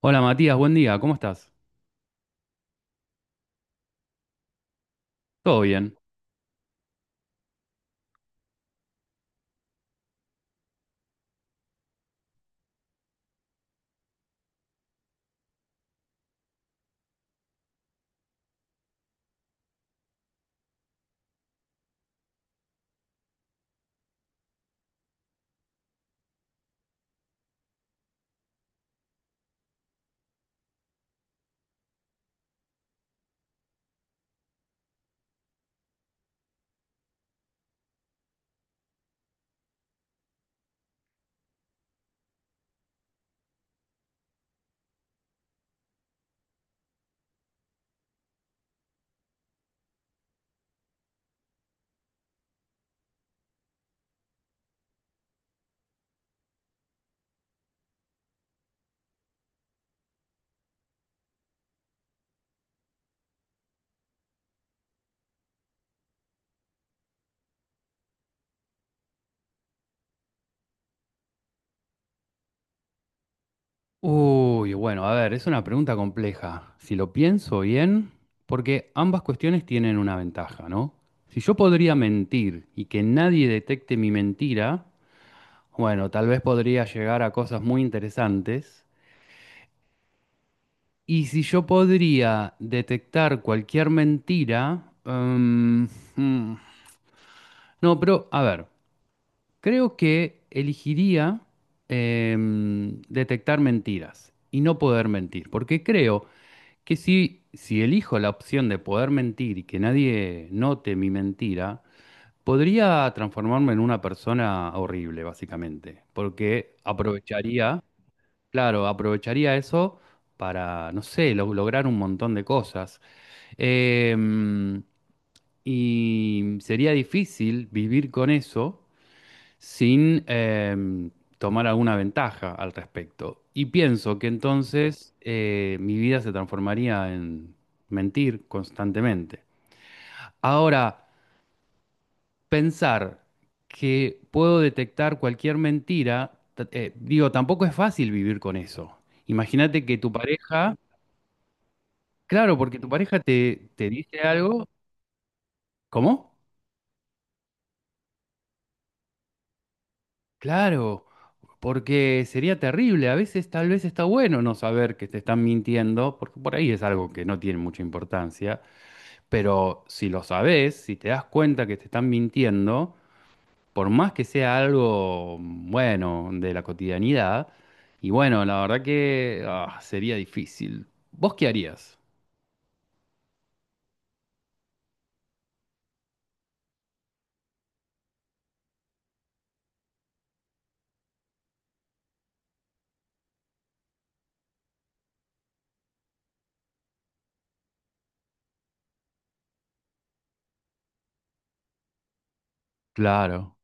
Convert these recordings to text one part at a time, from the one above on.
Hola Matías, buen día, ¿cómo estás? ¿Todo bien? Uy, bueno, a ver, es una pregunta compleja. Si lo pienso bien, porque ambas cuestiones tienen una ventaja, ¿no? Si yo podría mentir y que nadie detecte mi mentira, bueno, tal vez podría llegar a cosas muy interesantes. Y si yo podría detectar cualquier mentira, mm, no, pero a ver. Creo que elegiría detectar mentiras y no poder mentir, porque creo que si elijo la opción de poder mentir y que nadie note mi mentira, podría transformarme en una persona horrible, básicamente, porque aprovecharía, claro, aprovecharía eso para, no sé, lograr un montón de cosas. Em, y sería difícil vivir con eso sin tomar alguna ventaja al respecto. Y pienso que entonces mi vida se transformaría en mentir constantemente. Ahora, pensar que puedo detectar cualquier mentira, digo, tampoco es fácil vivir con eso. Imagínate que tu pareja, claro, porque tu pareja te dice algo, ¿cómo? Claro, porque sería terrible. A veces tal vez está bueno no saber que te están mintiendo, porque por ahí es algo que no tiene mucha importancia, pero si lo sabes, si te das cuenta que te están mintiendo, por más que sea algo bueno de la cotidianidad, y bueno, la verdad que ah, sería difícil. ¿Vos qué harías? Claro,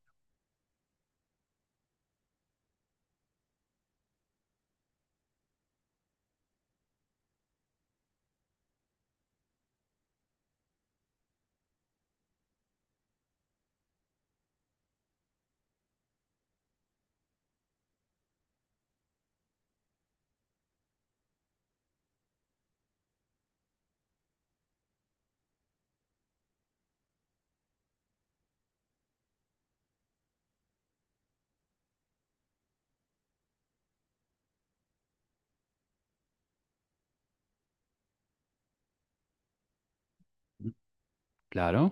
claro,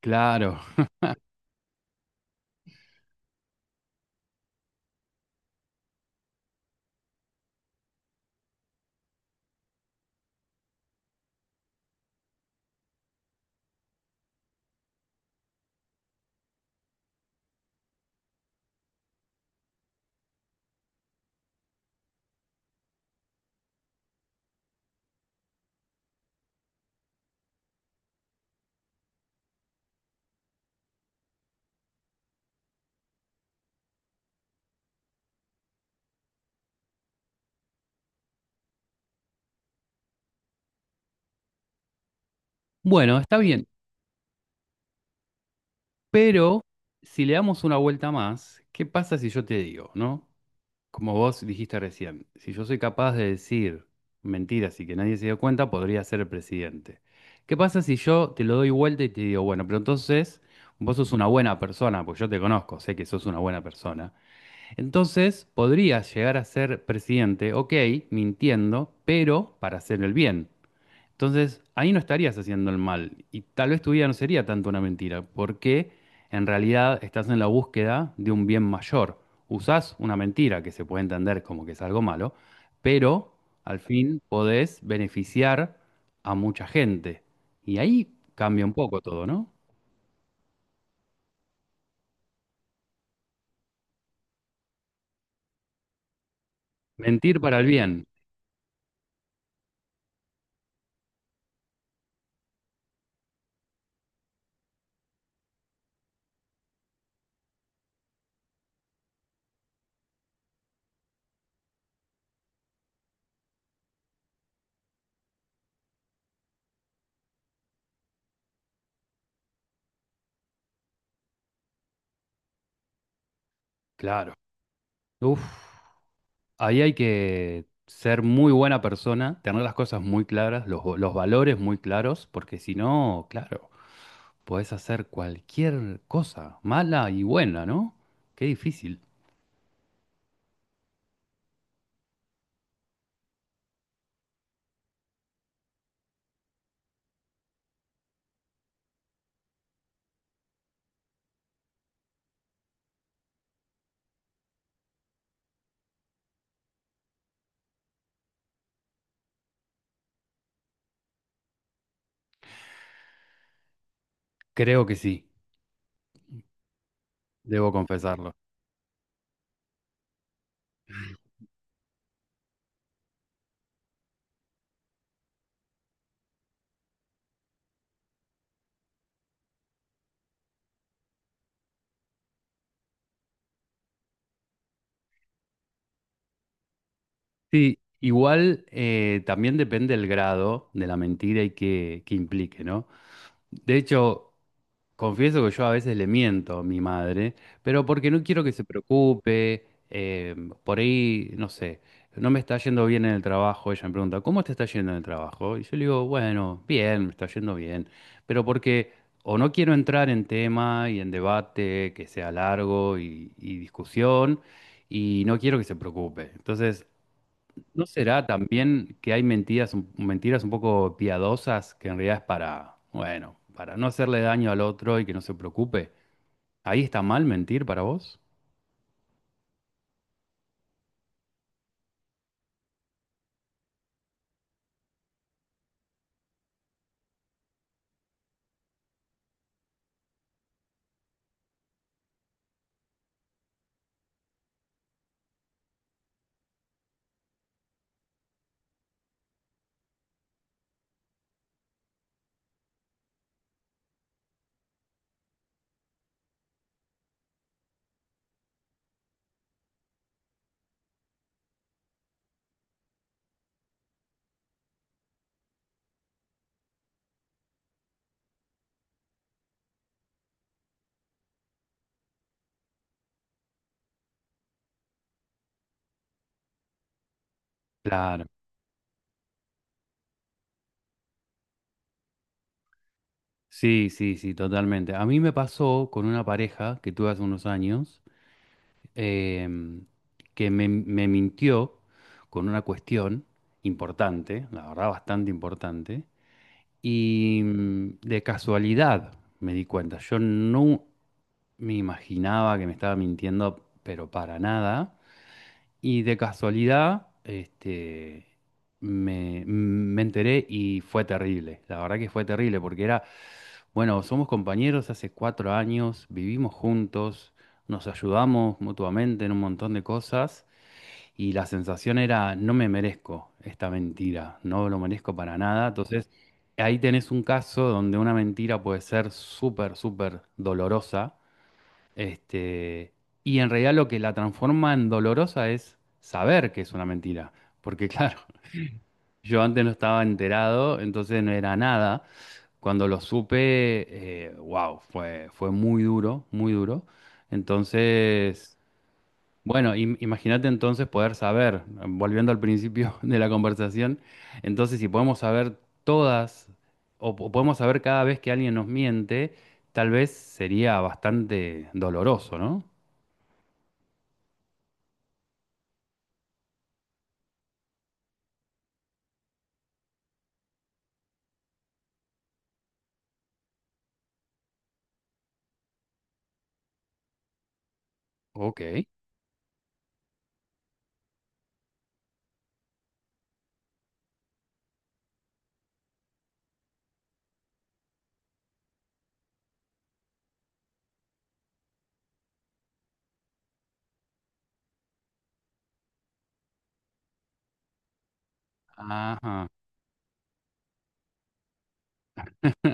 claro. Bueno, está bien, pero si le damos una vuelta más, ¿qué pasa si yo te digo, no? Como vos dijiste recién, si yo soy capaz de decir mentiras y que nadie se dio cuenta, podría ser el presidente. ¿Qué pasa si yo te lo doy vuelta y te digo, bueno, pero entonces vos sos una buena persona, pues yo te conozco, sé que sos una buena persona. Entonces podrías llegar a ser presidente, ok, mintiendo, pero para hacer el bien. Entonces, ahí no estarías haciendo el mal y tal vez tu vida no sería tanto una mentira, porque en realidad estás en la búsqueda de un bien mayor. Usás una mentira que se puede entender como que es algo malo, pero al fin podés beneficiar a mucha gente. Y ahí cambia un poco todo, ¿no? Mentir para el bien, claro. Uf, ahí hay que ser muy buena persona, tener las cosas muy claras, los valores muy claros, porque si no, claro. Podés hacer cualquier cosa, mala y buena, ¿no? Qué difícil. Creo que sí, debo confesarlo. Sí, igual también depende el grado de la mentira y qué implique, ¿no? De hecho, confieso que yo a veces le miento a mi madre, pero porque no quiero que se preocupe, por ahí, no sé, no me está yendo bien en el trabajo, ella me pregunta, ¿cómo te está yendo en el trabajo? Y yo le digo, bueno, bien, me está yendo bien, pero porque o no quiero entrar en tema y en debate que sea largo y discusión, y no quiero que se preocupe. Entonces, ¿no será también que hay mentiras, mentiras un poco piadosas que en realidad es para, bueno, para no hacerle daño al otro y que no se preocupe? ¿Ahí está mal mentir para vos? Claro. Sí, sí, sí, totalmente. A mí me pasó con una pareja que tuve hace unos años em, que me mintió con una cuestión importante, la verdad bastante importante, y de casualidad me di cuenta. Yo no, me imaginaba que me estaba mintiendo, pero para nada. Y de casualidad, este, me enteré y fue terrible. La verdad que fue terrible porque era, bueno, somos compañeros hace cuatro años, vivimos juntos, nos ayudamos mutuamente en un montón de cosas y la sensación era, no me merezco esta mentira, no lo merezco para nada. Entonces, ahí tenés un caso donde una mentira puede ser súper, súper dolorosa este, y en realidad lo que la transforma en dolorosa es saber que es una mentira. Porque claro, yo antes no estaba enterado, entonces no era nada. Cuando lo supe, wow, fue, fue muy duro, muy duro. Entonces, bueno, imagínate entonces poder saber, volviendo al principio de la conversación, entonces si podemos saber todas, o podemos saber cada vez que alguien nos miente, tal vez sería bastante doloroso, ¿no? Ok. Ajá.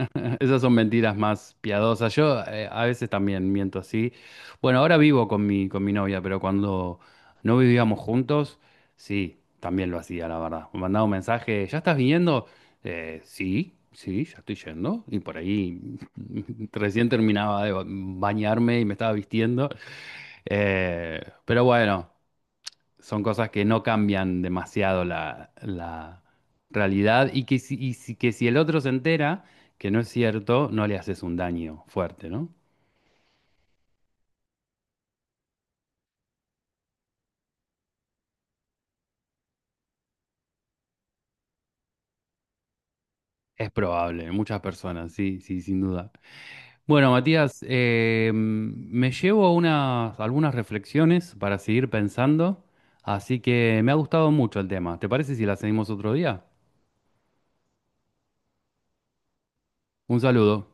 Esas son mentiras más piadosas. Yo a veces también miento así. Bueno, ahora vivo con con mi novia, pero cuando no vivíamos juntos, sí, también lo hacía, la verdad. Me mandaba un mensaje, ¿ya estás viniendo? Sí, sí, ya estoy yendo. Y por ahí recién terminaba de bañarme y me estaba vistiendo. Eh, pero bueno, son cosas que no cambian demasiado la realidad y que que si el otro se entera que no es cierto, no le haces un daño fuerte, ¿no? Es probable, muchas personas, sí, sí, sin duda. Bueno, Matías, me llevo unas, algunas reflexiones para seguir pensando, así que me ha gustado mucho el tema. ¿Te parece si la seguimos otro día? Un saludo.